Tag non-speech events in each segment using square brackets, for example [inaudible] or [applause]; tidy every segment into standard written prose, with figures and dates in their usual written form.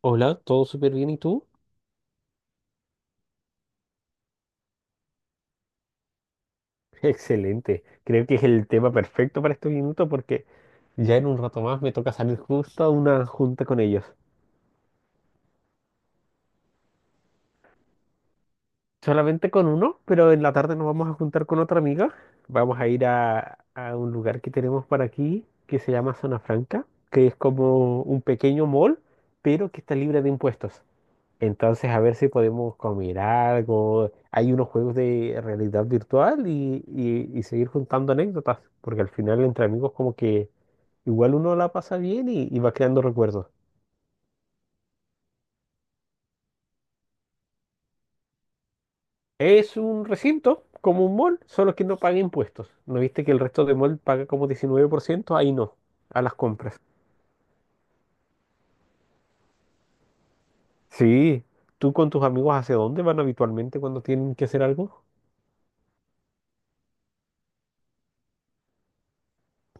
Hola, ¿todo súper bien y tú? [laughs] Excelente. Creo que es el tema perfecto para este minuto porque ya en un rato más me toca salir justo a una junta con ellos. Solamente con uno, pero en la tarde nos vamos a juntar con otra amiga. Vamos a ir a un lugar que tenemos para aquí que se llama Zona Franca, que es como un pequeño mall, pero que está libre de impuestos. Entonces, a ver si podemos comer algo. Hay unos juegos de realidad virtual y seguir juntando anécdotas, porque al final entre amigos como que igual uno la pasa bien y va creando recuerdos. Es un recinto, como un mall, solo que no paga impuestos. ¿No viste que el resto de mall paga como 19%? Ahí no, a las compras. Sí, ¿tú con tus amigos hacia dónde van habitualmente cuando tienen que hacer algo?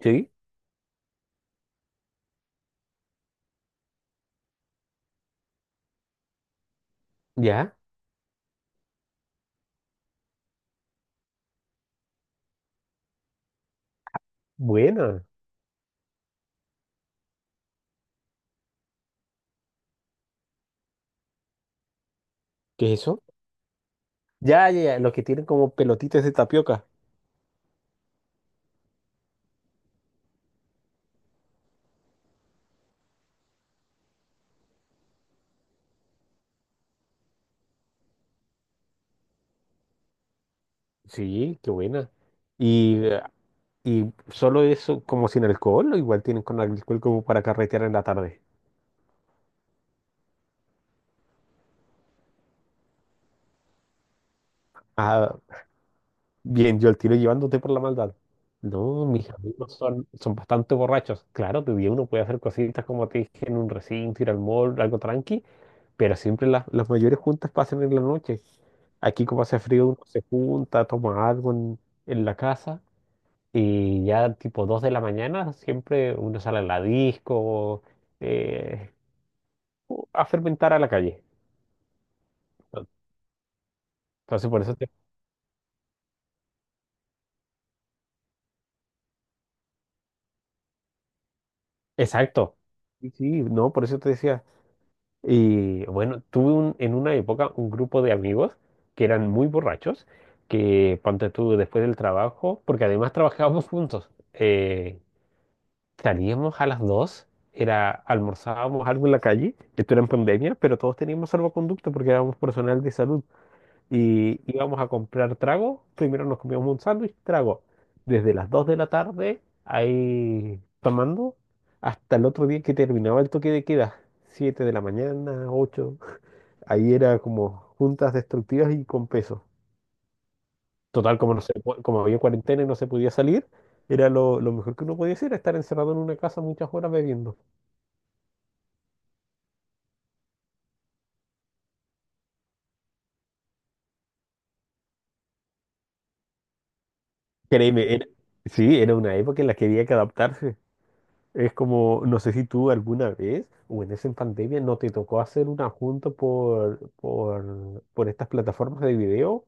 Sí. ¿Ya? Buena. ¿Qué es eso? Ya, ya, ya, los que tienen como pelotitas de tapioca. Sí, qué buena. Y, eh, y solo eso, como sin alcohol, o igual tienen con alcohol como para carretear en la tarde. Ah, bien, yo al tiro llevándote por la maldad. No, mis amigos son bastante borrachos. Claro, de día uno puede hacer cositas como te dije en un recinto, ir al mall, algo tranqui, pero siempre las mayores juntas pasan en la noche. Aquí como hace frío, uno se junta, toma algo en la casa y ya tipo 2 de la mañana siempre uno sale a la disco, eh, a fermentar a la calle. Entonces, por eso te... Exacto. Sí, sí, no, por eso te decía. Y bueno, en una época un grupo de amigos que eran muy borrachos, que ponte tú después del trabajo, porque además trabajábamos juntos. Salíamos a las 2, era, almorzábamos algo en la calle. Esto era en pandemia, pero todos teníamos salvoconducto porque éramos personal de salud. Y íbamos a comprar trago. Primero nos comíamos un sándwich, trago. Desde las 2 de la tarde, ahí tomando, hasta el otro día que terminaba el toque de queda. 7 de la mañana, 8. Ahí era como juntas destructivas y con peso. Total, como, no se po- como había cuarentena y no se podía salir, era lo mejor que uno podía hacer, estar encerrado en una casa muchas horas bebiendo. Créeme, era- sí, era una época en la que había que adaptarse. Es como, no sé si tú alguna vez, o en esa pandemia, no te tocó hacer una junta por estas plataformas de video.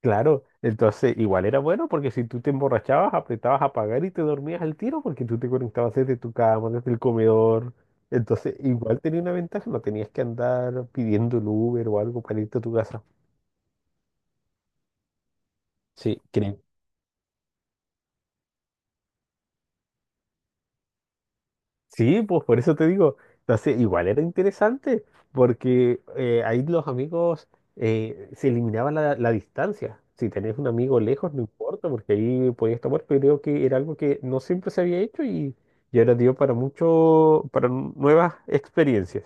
Claro, entonces igual era bueno porque si tú te emborrachabas, apretabas a pagar y te dormías al tiro porque tú te conectabas desde tu cama, desde el comedor. Entonces igual tenía una ventaja, no tenías que andar pidiendo el Uber o algo para irte a tu casa. Sí, creo. Sí, pues por eso te digo. Entonces, igual era interesante, porque ahí los amigos se eliminaba la distancia. Si tenés un amigo lejos, no importa, porque ahí podías tomar, pero creo que era algo que no siempre se había hecho y ahora dio para mucho, para nuevas experiencias.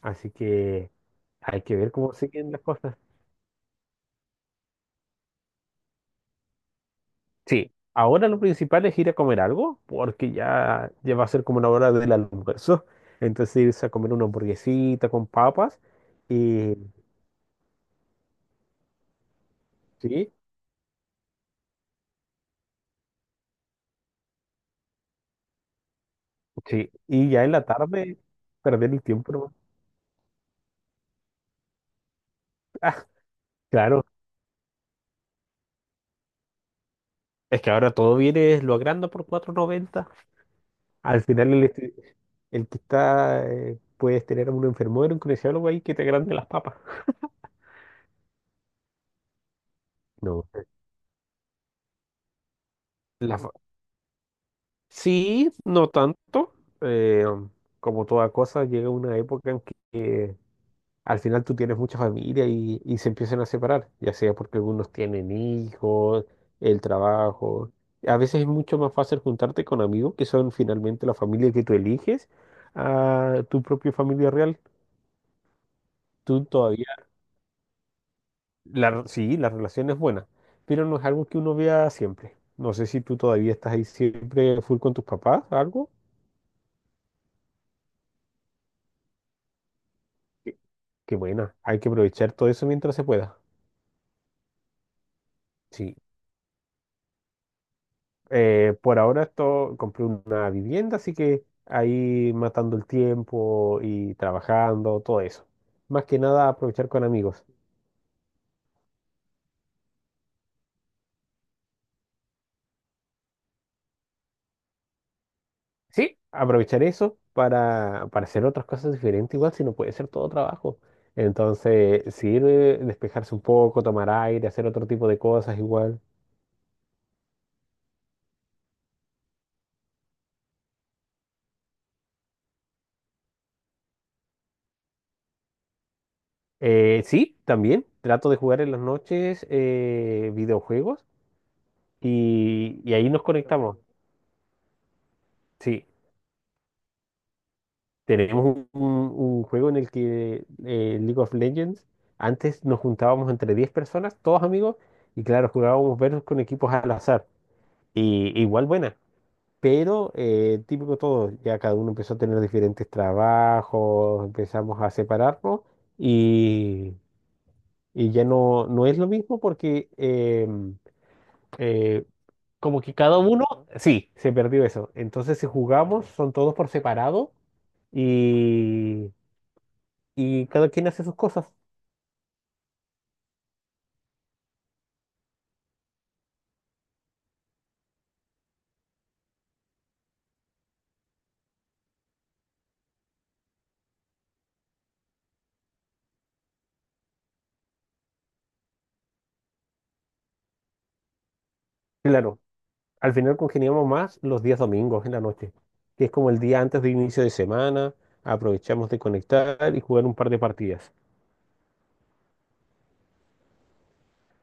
Así que hay que ver cómo siguen las cosas. Sí, ahora lo principal es ir a comer algo, porque ya, ya va a ser como una hora del almuerzo. Entonces irse a comer una hamburguesita con papas y sí, sí, y ya en la tarde perder el tiempo nomás. Ah, claro, es que ahora todo viene, lo agranda por 4,90. Al final el que está, puedes tener a un enfermero, un kinesiólogo ahí que te agrande las papas. No, la fa- sí, no tanto. Eh, como toda cosa, llega una época en que al final tú tienes mucha familia y se empiezan a separar, ya sea porque algunos tienen hijos, el trabajo. A veces es mucho más fácil juntarte con amigos que son finalmente la familia que tú eliges a tu propia familia real. Tú todavía, sí, la relación es buena, pero no es algo que uno vea siempre. No sé si tú todavía estás ahí siempre full con tus papás, algo. Qué qué buena, hay que aprovechar todo eso mientras se pueda. Sí. Por ahora esto, compré una vivienda, así que ahí matando el tiempo y trabajando, todo eso. Más que nada aprovechar con amigos. Sí, aprovechar eso para hacer otras cosas diferentes, igual si no puede ser todo trabajo. Entonces, sirve despejarse un poco, tomar aire, hacer otro tipo de cosas igual. Sí, también trato de jugar en las noches, videojuegos y ahí nos conectamos. Sí, tenemos un juego en el que, League of Legends, antes nos juntábamos entre 10 personas, todos amigos, y claro, jugábamos versus con equipos al azar. Y igual buena, pero típico todo, ya cada uno empezó a tener diferentes trabajos, empezamos a separarnos y, y ya no, no es lo mismo porque eh, como que cada uno, sí, se perdió eso. Entonces si jugamos son todos por separado. Y, y cada quien hace sus cosas. Claro, al final congeniamos más los días domingos en la noche, que es como el día antes de inicio de semana, aprovechamos de conectar y jugar un par de partidas.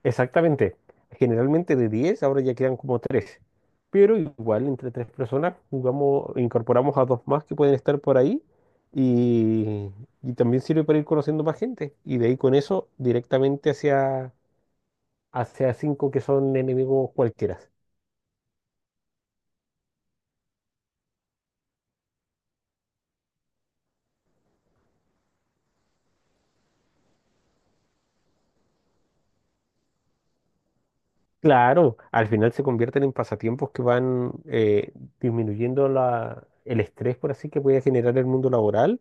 Exactamente, generalmente de 10 ahora ya quedan como 3, pero igual entre 3 personas jugamos, incorporamos a 2 más que pueden estar por ahí y, y también sirve para ir conociendo más gente y de ahí con eso directamente hacia, 5 que son enemigos cualquiera. Claro, al final se convierten en pasatiempos que van, disminuyendo el estrés, por así que puede generar el mundo laboral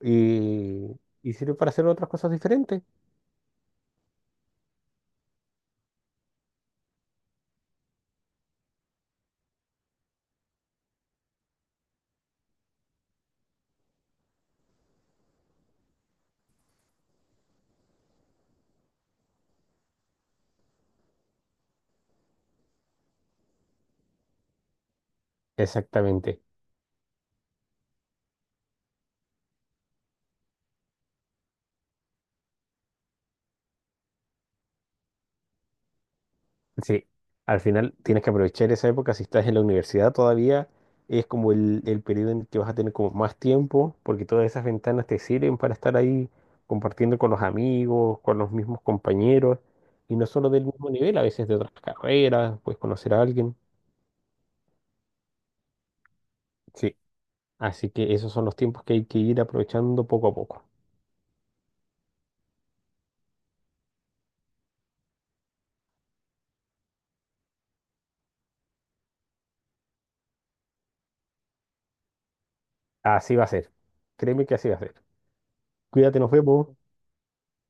y, y sirve para hacer otras cosas diferentes. Exactamente. Sí, al final tienes que aprovechar esa época. Si estás en la universidad todavía, es como el periodo en el que vas a tener como más tiempo, porque todas esas ventanas te sirven para estar ahí compartiendo con los amigos, con los mismos compañeros, y no solo del mismo nivel, a veces de otras carreras, puedes conocer a alguien. Sí. Así que esos son los tiempos que hay que ir aprovechando poco a poco. Así va a ser. Créeme que así va a ser. Cuídate, nos vemos.